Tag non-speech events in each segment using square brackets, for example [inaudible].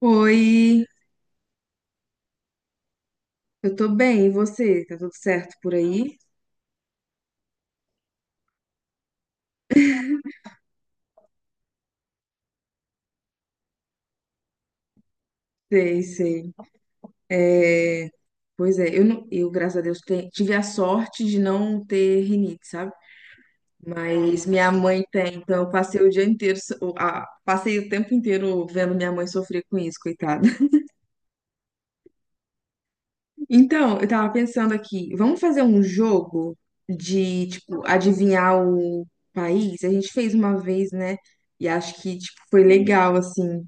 Oi, eu tô bem, e você? Tá tudo certo por aí? Sei, sei. É, pois é, eu, não, eu, graças a Deus, tive a sorte de não ter rinite, sabe? Mas minha mãe tem, então eu passei o dia inteiro, so- o- a- passei o tempo inteiro vendo minha mãe sofrer com isso, coitada. [laughs] Então, eu tava pensando aqui, vamos fazer um jogo de, tipo, adivinhar o país? A gente fez uma vez, né? E acho que, tipo, foi legal, assim.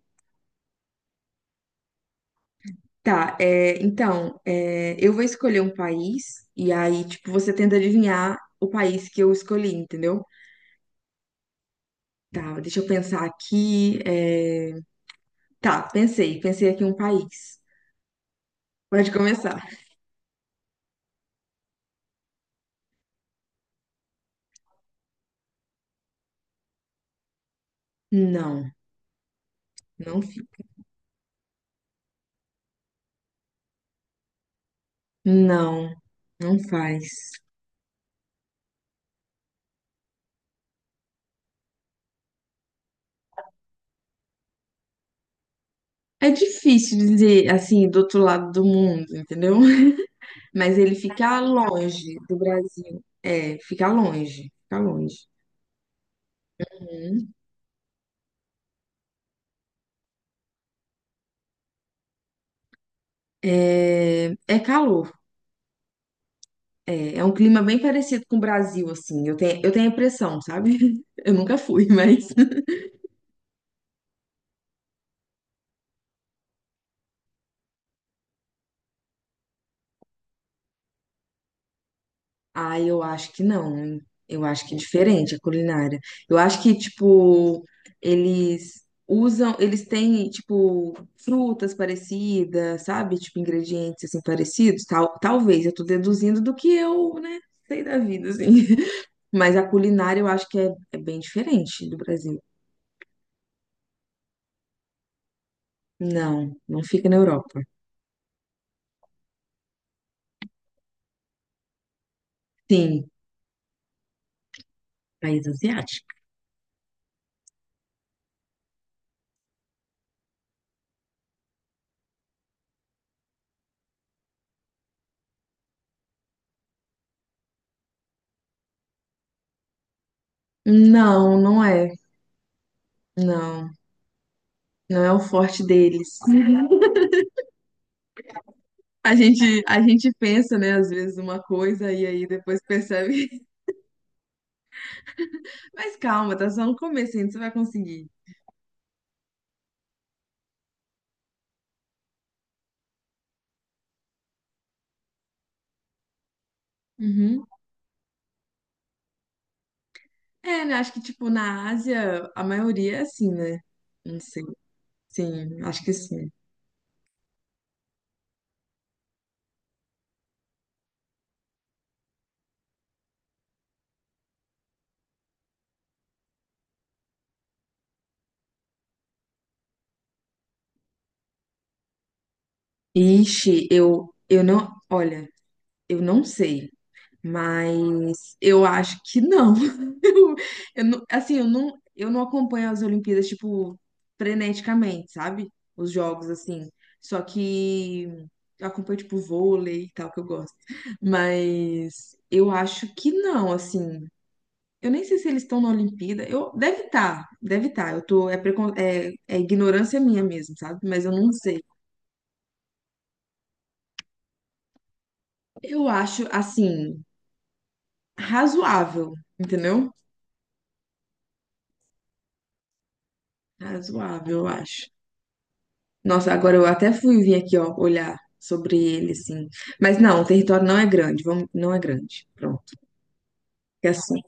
Tá, é, então, é, eu vou escolher um país e aí, tipo, você tenta adivinhar o país que eu escolhi, entendeu? Tá, deixa eu pensar aqui. Tá, pensei, pensei aqui um país. Pode começar. Não, não fica. Não, não faz. É difícil dizer assim, do outro lado do mundo, entendeu? [laughs] Mas ele fica longe do Brasil. É, fica longe, fica longe. Uhum. É, é calor. É um clima bem parecido com o Brasil, assim. Eu tenho a impressão, sabe? [laughs] Eu nunca fui, [laughs] mas. Ah, eu acho que não. Hein? Eu acho que é diferente a culinária. Eu acho que, tipo, eles usam, eles têm, tipo, frutas parecidas, sabe? Tipo, ingredientes, assim, parecidos. Tal, talvez, eu tô deduzindo do que eu, né, sei da vida, assim. [laughs] Mas a culinária eu acho que é, é bem diferente do Brasil. Não, não fica na Europa. Sim, país asiático. Não, não é. Não, não é o forte deles. [laughs] A gente pensa, né, às vezes uma coisa e aí depois percebe. [laughs] Mas calma, tá só no começo ainda, você vai conseguir. Uhum. É, né, acho que, tipo, na Ásia, a maioria é assim, né? Não sei. Sim, acho que sim. Ixi, eu não. Olha, eu não sei. Mas eu acho que não. [laughs] Eu, eu assim, eu não acompanho as Olimpíadas, tipo, freneticamente, sabe? Os jogos, assim. Só que eu acompanho, tipo, vôlei e tal, que eu gosto. Mas eu acho que não, assim. Eu nem sei se eles estão na Olimpíada. Eu, deve estar, deve estar. Eu tô, é, é, é ignorância minha mesmo, sabe? Mas eu não sei. Eu acho, assim, razoável, entendeu? Razoável, eu acho. Nossa, agora eu até fui vir aqui, ó, olhar sobre ele, assim. Mas não, o território não é grande, vamos, não é grande. Pronto. É assim.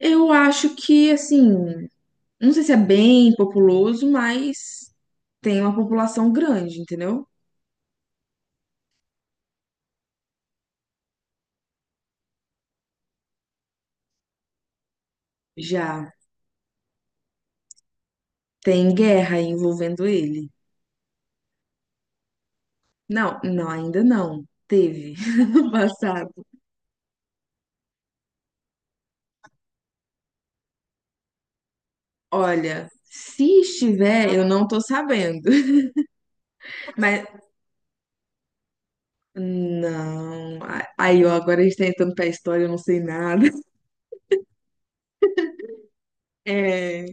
Eu acho que, assim, não sei se é bem populoso, mas tem uma população grande, entendeu? Já tem guerra envolvendo ele. Não, não, ainda não. Teve [laughs] no passado. Olha, se estiver, eu não tô sabendo. [laughs] Mas não. Aí, ó, agora a gente tá entrando pra história, eu não sei nada. É.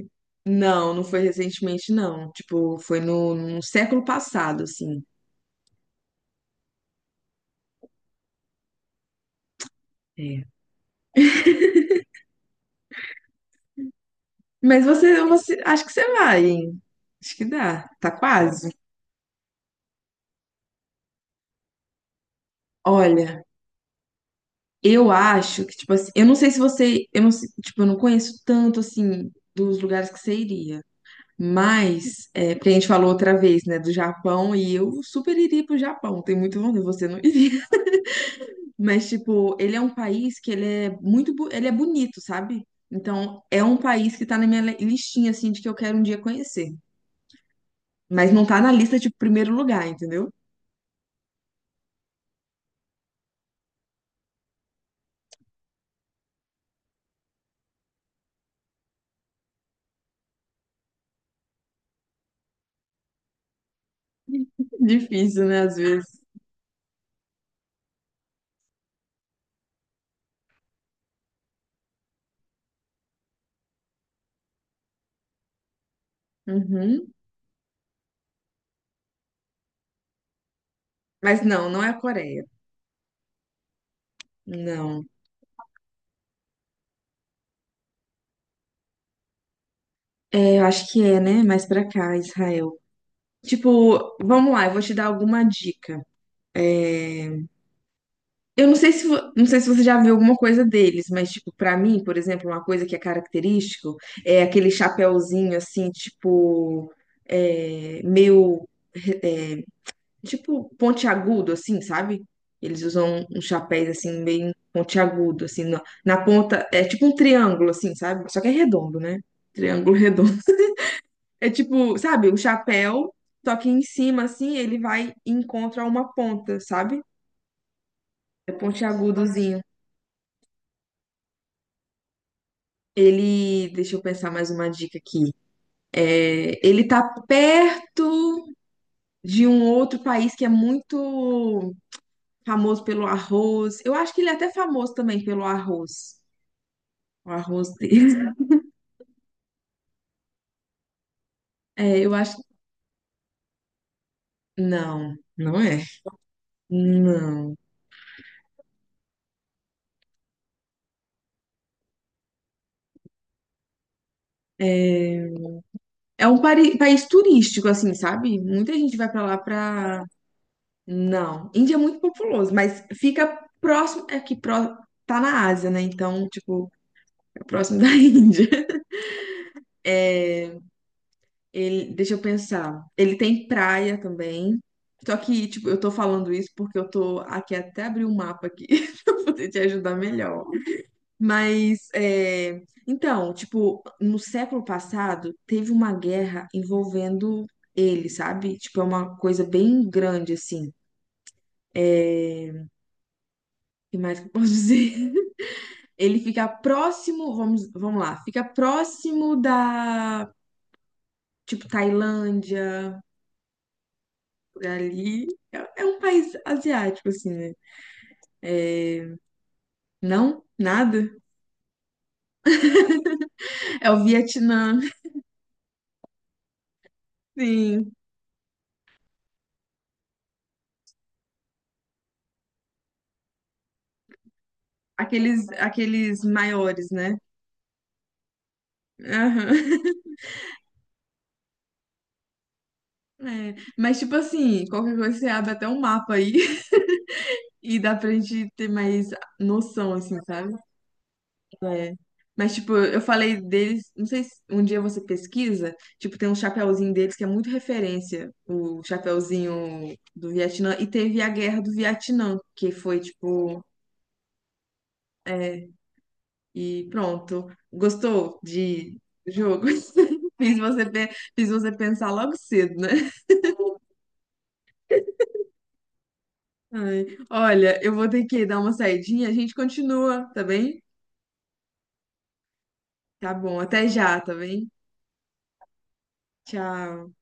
Não, não foi recentemente, não. Tipo, foi no, no século passado, assim. É. Mas você, você, acho que você vai, hein? Acho que dá. Tá quase. Olha, eu acho que, tipo assim, eu não sei se você, eu não, sei- tipo, eu não conheço tanto, assim, dos lugares que você iria. Mas, é, porque a gente falou outra vez, né, do Japão, e eu super iria pro Japão. Tenho muito vontade, você não iria. Mas, tipo, ele é um país que ele é muito, ele é bonito, sabe? Então, é um país que tá na minha listinha, assim, de que eu quero um dia conhecer. Mas não tá na lista de primeiro lugar, entendeu? [laughs] Difícil, né, às vezes. Uhum. Mas não, não é a Coreia. Não. É, eu acho que é, né? Mais pra cá, Israel. Tipo, vamos lá, eu vou te dar alguma dica. É, eu não sei se, não sei se você já viu alguma coisa deles, mas, tipo, pra mim, por exemplo, uma coisa que é característico é aquele chapéuzinho, assim, tipo, é, meio, é, tipo, pontiagudo, assim, sabe? Eles usam um chapéu, assim, meio pontiagudo, assim, na, na ponta, é tipo um triângulo, assim, sabe? Só que é redondo, né? Triângulo [laughs] redondo. É tipo, sabe, um chapéu, só que em cima, assim, ele vai e encontra uma ponta, sabe? É pontiagudozinho. Ele, deixa eu pensar mais uma dica aqui. É, ele tá perto de um outro país que é muito famoso pelo arroz. Eu acho que ele é até famoso também pelo arroz. O arroz dele. [laughs] É, eu acho. Não, não é. Não. É um país turístico, assim, sabe? Muita gente vai pra lá pra. Não. Índia é muito populoso, mas fica próximo. É que pró... tá na Ásia, né? Então, tipo, é próximo da [laughs] Índia. Ele, deixa eu pensar. Ele tem praia também. Só que, tipo, eu tô falando isso porque eu tô aqui até abrir um mapa aqui [laughs] pra poder te ajudar melhor. Mas, é, então, tipo, no século passado teve uma guerra envolvendo ele, sabe? Tipo, é uma coisa bem grande, assim. É, o que mais que eu posso [laughs] dizer? Ele fica próximo, vamos, vamos lá, fica próximo da, tipo, Tailândia, por ali. É, é um país asiático, assim, né? Não? Nada? É o Vietnã, sim. Aqueles, aqueles maiores, né? Aham. É, mas, tipo assim, qualquer coisa você abre até um mapa aí [laughs] e dá pra gente ter mais noção, assim, sabe? É. Mas, tipo, eu falei deles, não sei se um dia você pesquisa, tipo, tem um chapeuzinho deles que é muito referência, o chapeuzinho do Vietnã, e teve a Guerra do Vietnã, que foi, tipo, é, e pronto. Gostou de jogo? [laughs] Fiz você, fiz você pensar logo cedo, né? Ai, olha, eu vou ter que dar uma saidinha, a gente continua, tá bem? Tá bom, até já, tá bem? Tchau.